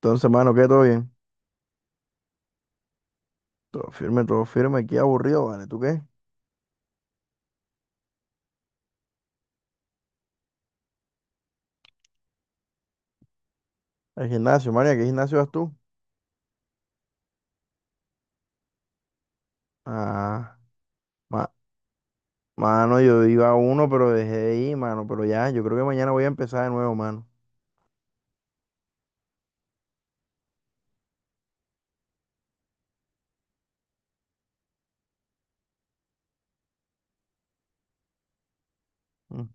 Entonces, mano, ¿qué? ¿Todo bien? Todo firme, todo firme. Aquí aburrido, ¿vale? ¿Tú qué? Al gimnasio, María, ¿qué gimnasio vas tú? Ah, ma- mano, yo iba a uno, pero dejé de ir, mano. Pero ya, yo creo que mañana voy a empezar de nuevo, mano. Mm.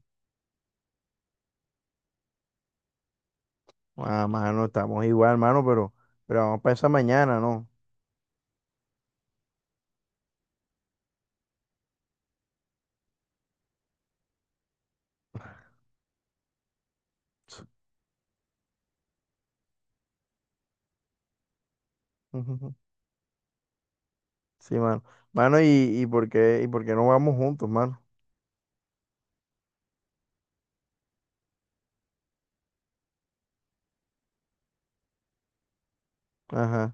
Ah, mano, estamos igual, mano, pero vamos para esa mañana, ¿no? Sí, mano. Mano, ¿y por qué, y por qué no vamos juntos, mano? Ajá.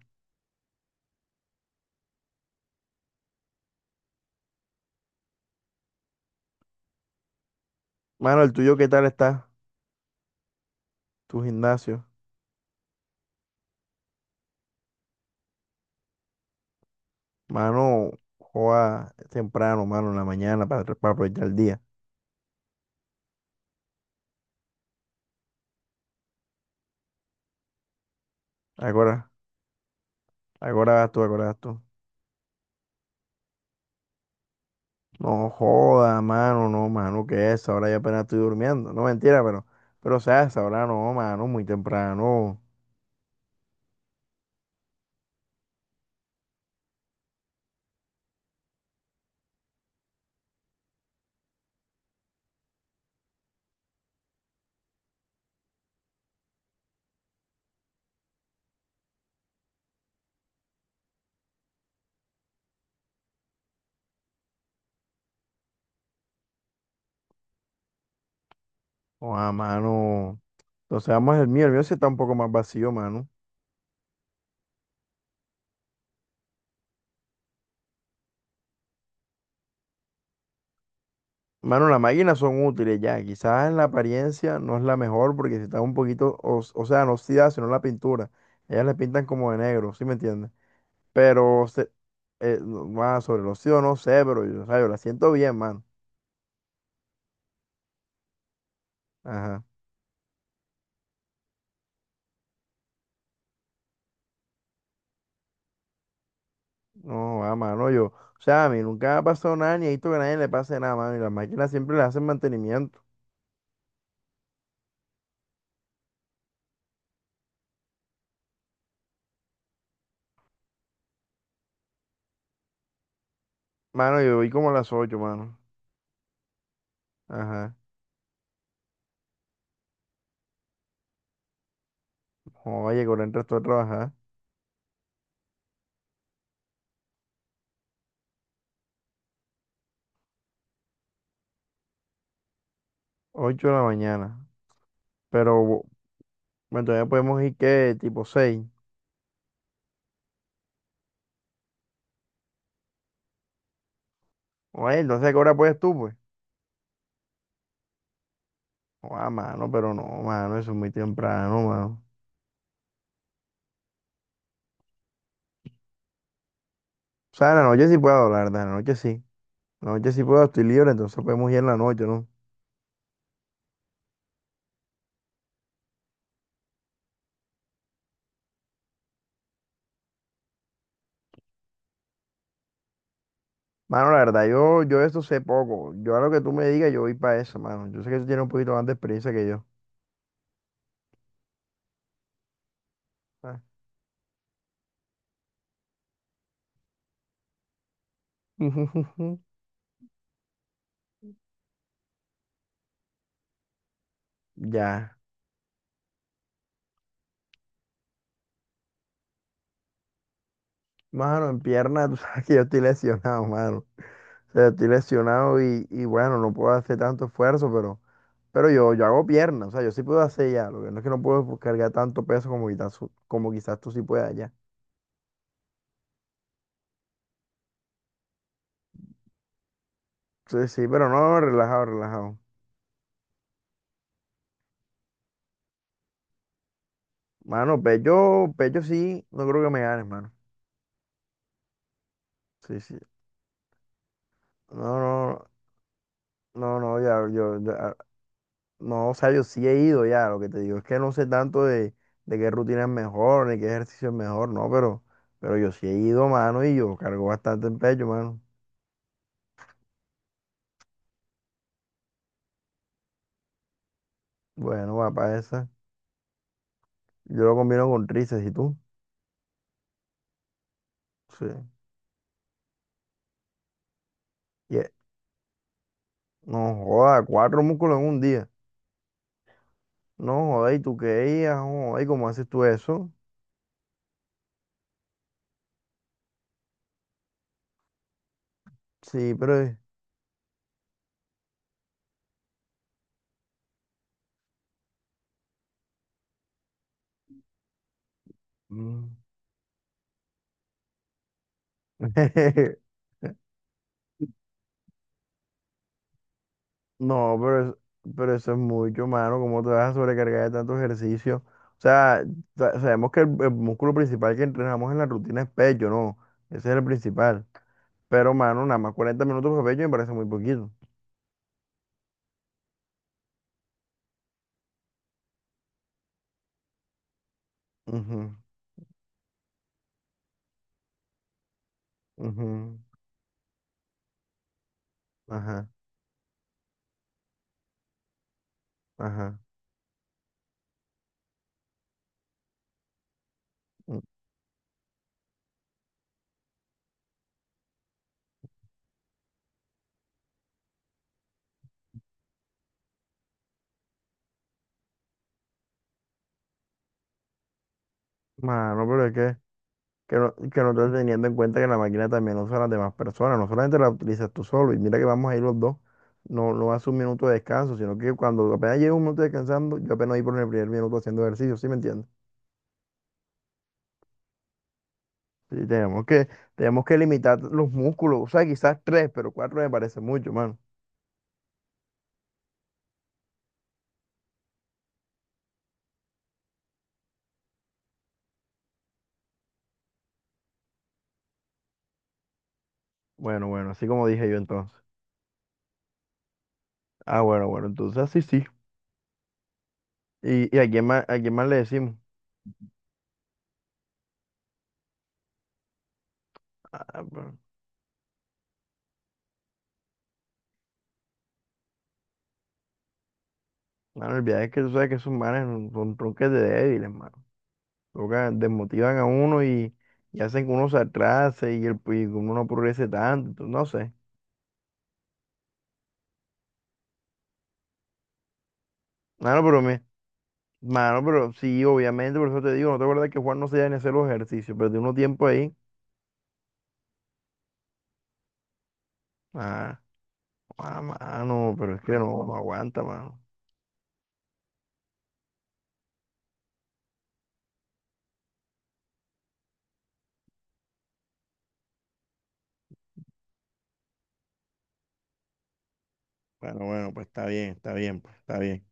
Mano, ¿el tuyo qué tal está? Tu gimnasio. Mano, joda temprano, mano, en la mañana para aprovechar el día. Ahora. Acordás tú, acordás tú. No joda, mano, no, mano, ¿qué es? Ahora ya apenas estoy durmiendo. No, mentira, pero, o sea, a no, mano, muy temprano. O a mano. Entonces, vamos el mío sí está un poco más vacío, mano. Mano, las máquinas son útiles ya. Quizás en la apariencia no es la mejor porque si está un poquito, o sea, no oxidada, sino la pintura. Ellas le pintan como de negro, ¿sí me entiendes? Pero, se, no, ah, sobre el óxido no sé, pero yo, o sea, yo la siento bien, mano. Ajá. No, ah, mano, yo. O sea, a mí nunca me ha pasado nada, ni he visto que a nadie le pase nada, mano. Y las máquinas siempre le hacen mantenimiento. Mano, yo voy como a las 8 mano. Ajá. Oye, con el resto a trabajar. Ocho de la mañana. Pero, bueno, todavía podemos ir que tipo seis. Oye, entonces, ¿a qué hora puedes tú, pues? Oh, ah, mano, pero no, mano, eso es muy temprano, mano. O sea, en la noche sí puedo, la verdad, en la noche sí. En la noche sí puedo, estoy libre, entonces podemos ir en la noche, ¿no? Mano, la verdad, yo de eso sé poco. Yo a lo que tú me digas, yo voy para eso, mano. Yo sé que tú tienes un poquito más de experiencia que yo. Ah, ya. Mano, en pierna, tú sabes que yo estoy lesionado, mano. O sea, estoy lesionado y bueno, no puedo hacer tanto esfuerzo, pero yo hago pierna. O sea, yo sí puedo hacer ya. Lo que no es que no puedo pues, cargar tanto peso como como quizás tú sí puedas ya. Sí, sí, pero no, relajado, relajado. Mano, pecho, pecho sí, no creo que me ganes, mano. Sí, sí. No, no, no, ya, yo, no, o sea, yo sí he ido ya, lo que te digo es que no sé tanto de qué rutina es mejor, ni qué ejercicio es mejor, no, pero yo sí he ido, mano, y yo cargo bastante en pecho, mano. Bueno, va para esa. Yo lo combino con tríceps, ¿y tú? Sí. Y e- No joda, cuatro músculos en un día. No joda, ¿y tú qué? Ah, no joda, ¿y cómo haces tú eso? Sí, pero... mm. No, pero, pero eso es mucho, mano. ¿Cómo te vas a sobrecargar de tanto ejercicio? O sea, sabemos que el músculo principal que entrenamos en la rutina es pecho, ¿no? Ese es el principal. Pero, mano, nada más 40 minutos de pecho me parece muy poquito. Ujú, ujú, ajá, ajá. Mm. Mano, pero es que no, que no estás teniendo en cuenta que la máquina también usa a las demás personas, no solamente la utilizas tú solo, y mira que vamos a ir los dos, no, no hace un minuto de descanso, sino que cuando apenas llevo un minuto descansando, yo apenas voy por el primer minuto haciendo ejercicio, ¿sí me entiendes? Sí, tenemos que limitar los músculos, o sea, quizás tres, pero cuatro me parece mucho, mano. Bueno, bueno, así como dije yo entonces. Ah, bueno, bueno, entonces así sí. Y a quién más le decimos? Ah, bueno, mano, el viaje es que tú sabes que esos manes son tronques de débiles. Toca, desmotivan a uno y hacen que uno se atrase y, el, y que uno no progrese tanto, entonces, no sé. Mano, pero me, mano, pero sí, obviamente, por eso te digo, no te acuerdas que Juan no se da ni hacer los ejercicios, pero tiene uno tiempo ahí. Ah, ah, mano, pero es que no, no aguanta, mano. Bueno, bueno, pues está bien, pues está bien.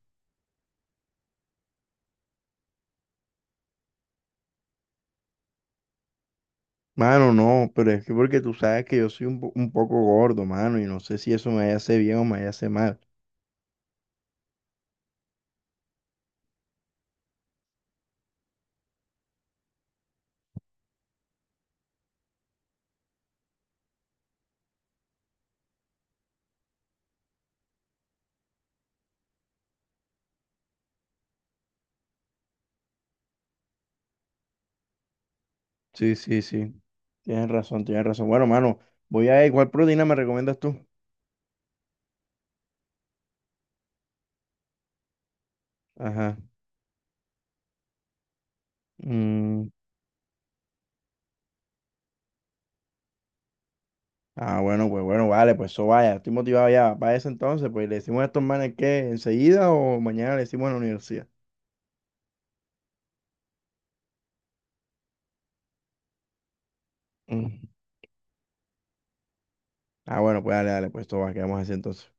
Mano, no, pero es que porque tú sabes que yo soy un, un poco gordo, mano, y no sé si eso me hace bien o me hace mal. Sí, sí, sí. Tienes razón, tienes razón. Bueno, mano, voy a ver cuál proteína me recomiendas tú. Ajá. Mm. Ah, bueno, pues bueno, vale, pues eso vaya. Estoy motivado ya. Para eso entonces, pues le decimos a estos manes que enseguida o mañana le decimos en la universidad. Mm. Ah, bueno, pues dale, dale, pues todo va, quedamos así entonces.